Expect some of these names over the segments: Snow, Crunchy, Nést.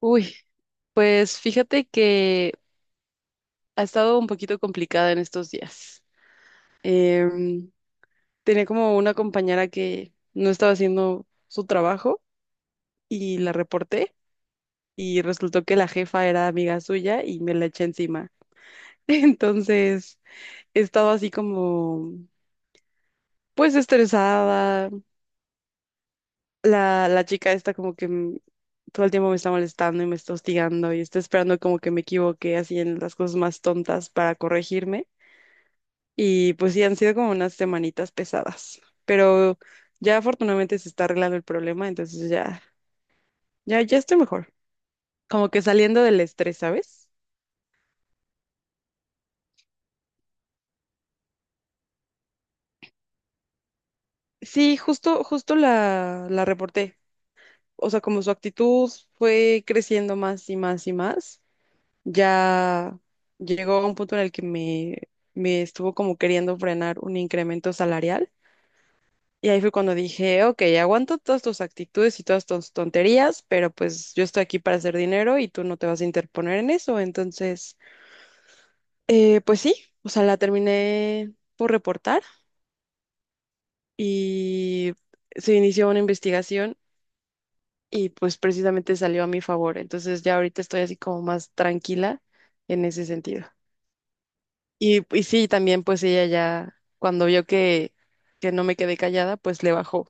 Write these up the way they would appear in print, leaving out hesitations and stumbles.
Uy, pues fíjate que ha estado un poquito complicada en estos días. Em, Tenía como una compañera que no estaba haciendo su trabajo y la reporté y resultó que la jefa era amiga suya y me la eché encima. Entonces, he estado así como, pues estresada. La chica está como que todo el tiempo me está molestando y me está hostigando y está esperando como que me equivoque así en las cosas más tontas para corregirme. Y pues sí, han sido como unas semanitas pesadas, pero ya afortunadamente se está arreglando el problema, entonces ya, ya, ya estoy mejor, como que saliendo del estrés, ¿sabes? Sí, justo, justo la reporté, o sea, como su actitud fue creciendo más y más y más, ya llegó a un punto en el que me estuvo como queriendo frenar un incremento salarial. Y ahí fue cuando dije, ok, aguanto todas tus actitudes y todas tus tonterías, pero pues yo estoy aquí para hacer dinero y tú no te vas a interponer en eso. Entonces, pues sí, o sea, la terminé por reportar y se inició una investigación y pues precisamente salió a mi favor. Entonces ya ahorita estoy así como más tranquila en ese sentido. Y sí, también pues ella ya, cuando vio que no me quedé callada, pues le bajó.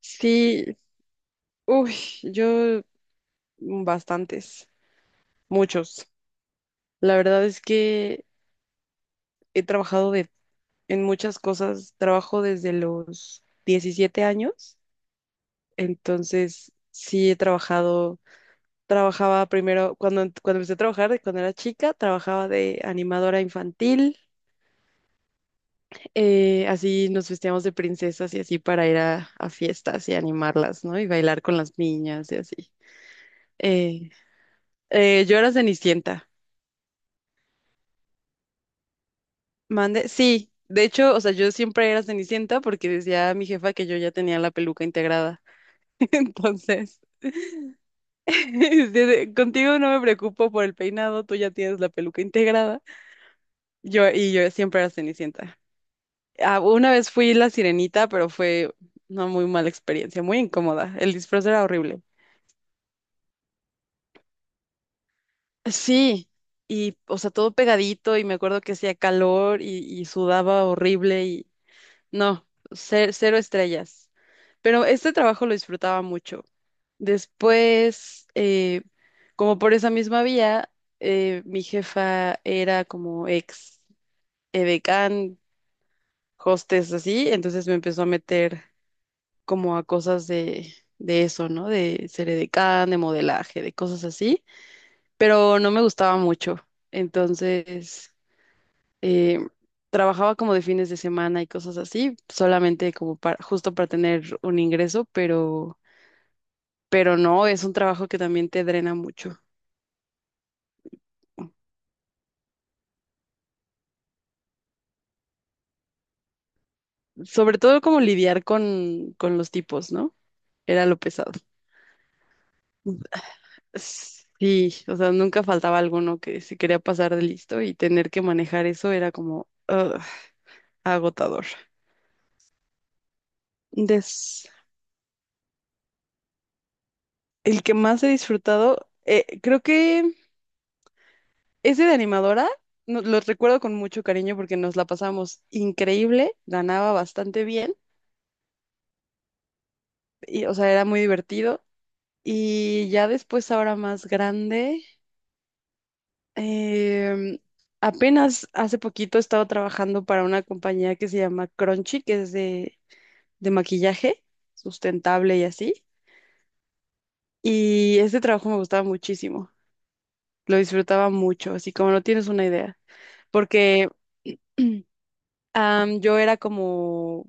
Sí, uy, yo... Bastantes, muchos. La verdad es que he trabajado en muchas cosas. Trabajo desde los 17 años, entonces sí he trabajado. Trabajaba primero, cuando, cuando empecé a trabajar, de cuando era chica, trabajaba de animadora infantil. Así nos vestíamos de princesas y así para ir a fiestas y animarlas, ¿no? Y bailar con las niñas y así. Eh, yo era Cenicienta. Mande, sí, de hecho, o sea, yo siempre era Cenicienta porque decía mi jefa que yo ya tenía la peluca integrada. Entonces, dice, contigo no me preocupo por el peinado, tú ya tienes la peluca integrada. Yo siempre era Cenicienta. Ah, una vez fui la Sirenita, pero fue una muy mala experiencia, muy incómoda. El disfraz era horrible. Sí, y o sea, todo pegadito y me acuerdo que hacía calor y sudaba horrible y no, cero estrellas. Pero este trabajo lo disfrutaba mucho. Después, como por esa misma vía, mi jefa era como ex edecán, hostes así, entonces me empezó a meter como a cosas de eso, ¿no? De ser edecán, de modelaje, de cosas así, pero no me gustaba mucho. Entonces eh, trabajaba como de fines de semana y cosas así, solamente como para, justo para tener un ingreso, pero no, es un trabajo que también te drena mucho. Sobre todo como lidiar con los tipos, ¿no? Era lo pesado. Sí, o sea, nunca faltaba alguno que se quería pasar de listo y tener que manejar eso era como ugh, agotador. Des- el que más he disfrutado, creo que ese de animadora, lo recuerdo con mucho cariño porque nos la pasamos increíble, ganaba bastante bien, y, o sea, era muy divertido. Y ya después, ahora más grande, em, apenas hace poquito he estado trabajando para una compañía que se llama Crunchy, que es de, maquillaje sustentable y así. Y este trabajo me gustaba muchísimo, lo disfrutaba mucho, así como no tienes una idea, porque... Yo era como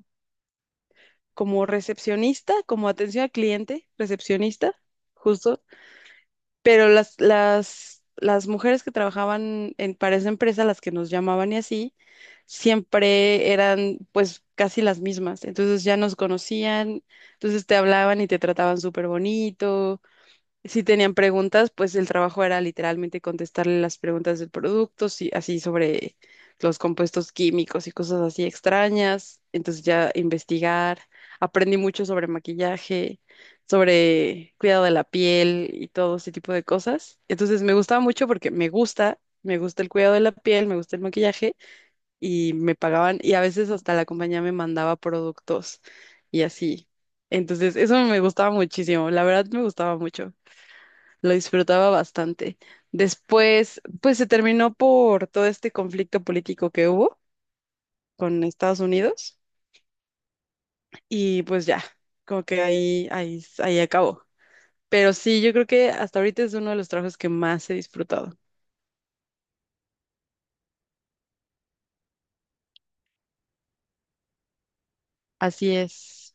como recepcionista, como atención al cliente, recepcionista, justo, pero las mujeres que trabajaban para esa empresa, las que nos llamaban y así, siempre eran pues casi las mismas, entonces ya nos conocían, entonces te hablaban y te trataban súper bonito si tenían preguntas, pues el trabajo era literalmente contestarle las preguntas del producto, sí, así sobre los compuestos químicos y cosas así extrañas. Entonces ya investigar, aprendí mucho sobre maquillaje, sobre cuidado de la piel y todo ese tipo de cosas. Entonces me gustaba mucho porque me gusta el cuidado de la piel, me gusta el maquillaje y me pagaban y a veces hasta la compañía me mandaba productos y así. Entonces eso me gustaba muchísimo, la verdad me gustaba mucho, lo disfrutaba bastante. Después, pues se terminó por todo este conflicto político que hubo con Estados Unidos y pues ya, como que ahí acabó. Pero sí, yo creo que hasta ahorita es uno de los trabajos que más he disfrutado. Así es.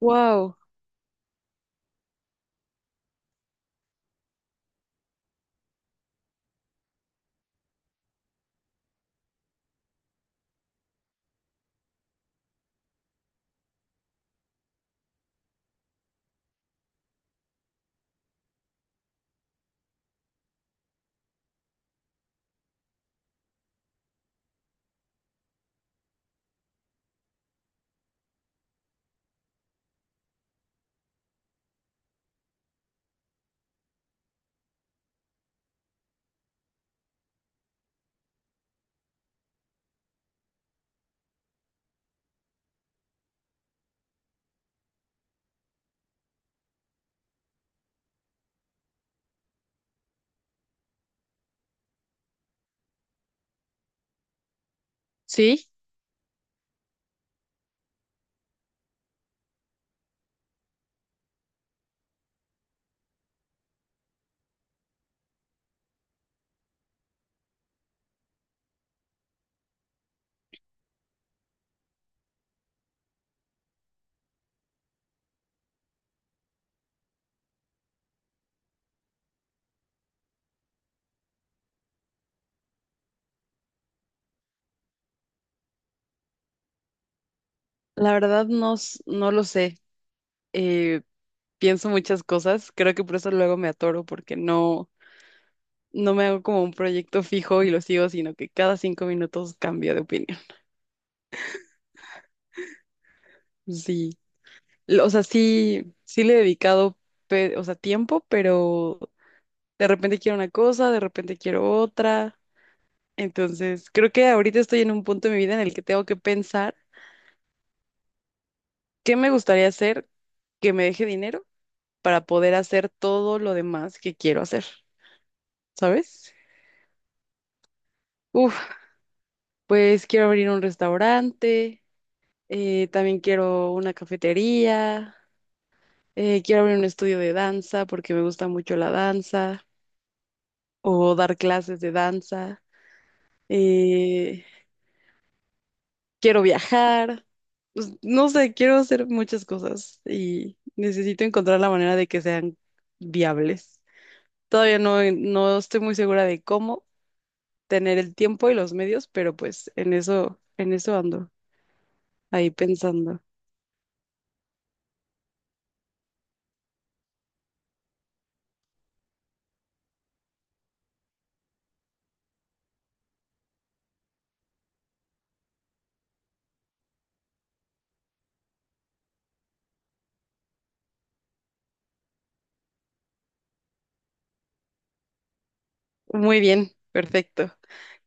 Wow. Sí, la verdad no lo sé. Eh, pienso muchas cosas. Creo que por eso luego me atoro porque no me hago como un proyecto fijo y lo sigo, sino que cada 5 minutos cambio de opinión. Sí. O sea, sí, sí le he dedicado, o sea, tiempo, pero de repente quiero una cosa, de repente quiero otra. Entonces, creo que ahorita estoy en un punto de mi vida en el que tengo que pensar qué me gustaría hacer que me deje dinero para poder hacer todo lo demás que quiero hacer, ¿sabes? Uf, pues quiero abrir un restaurante, también quiero una cafetería, quiero abrir un estudio de danza porque me gusta mucho la danza o dar clases de danza. eh, Quiero viajar, pues, no sé, quiero hacer muchas cosas y necesito encontrar la manera de que sean viables. Todavía no estoy muy segura de cómo tener el tiempo y los medios, pero pues en eso ando, ahí pensando. Muy bien, perfecto.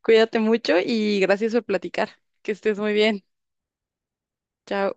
Cuídate mucho y gracias por platicar. Que estés muy bien. Chao.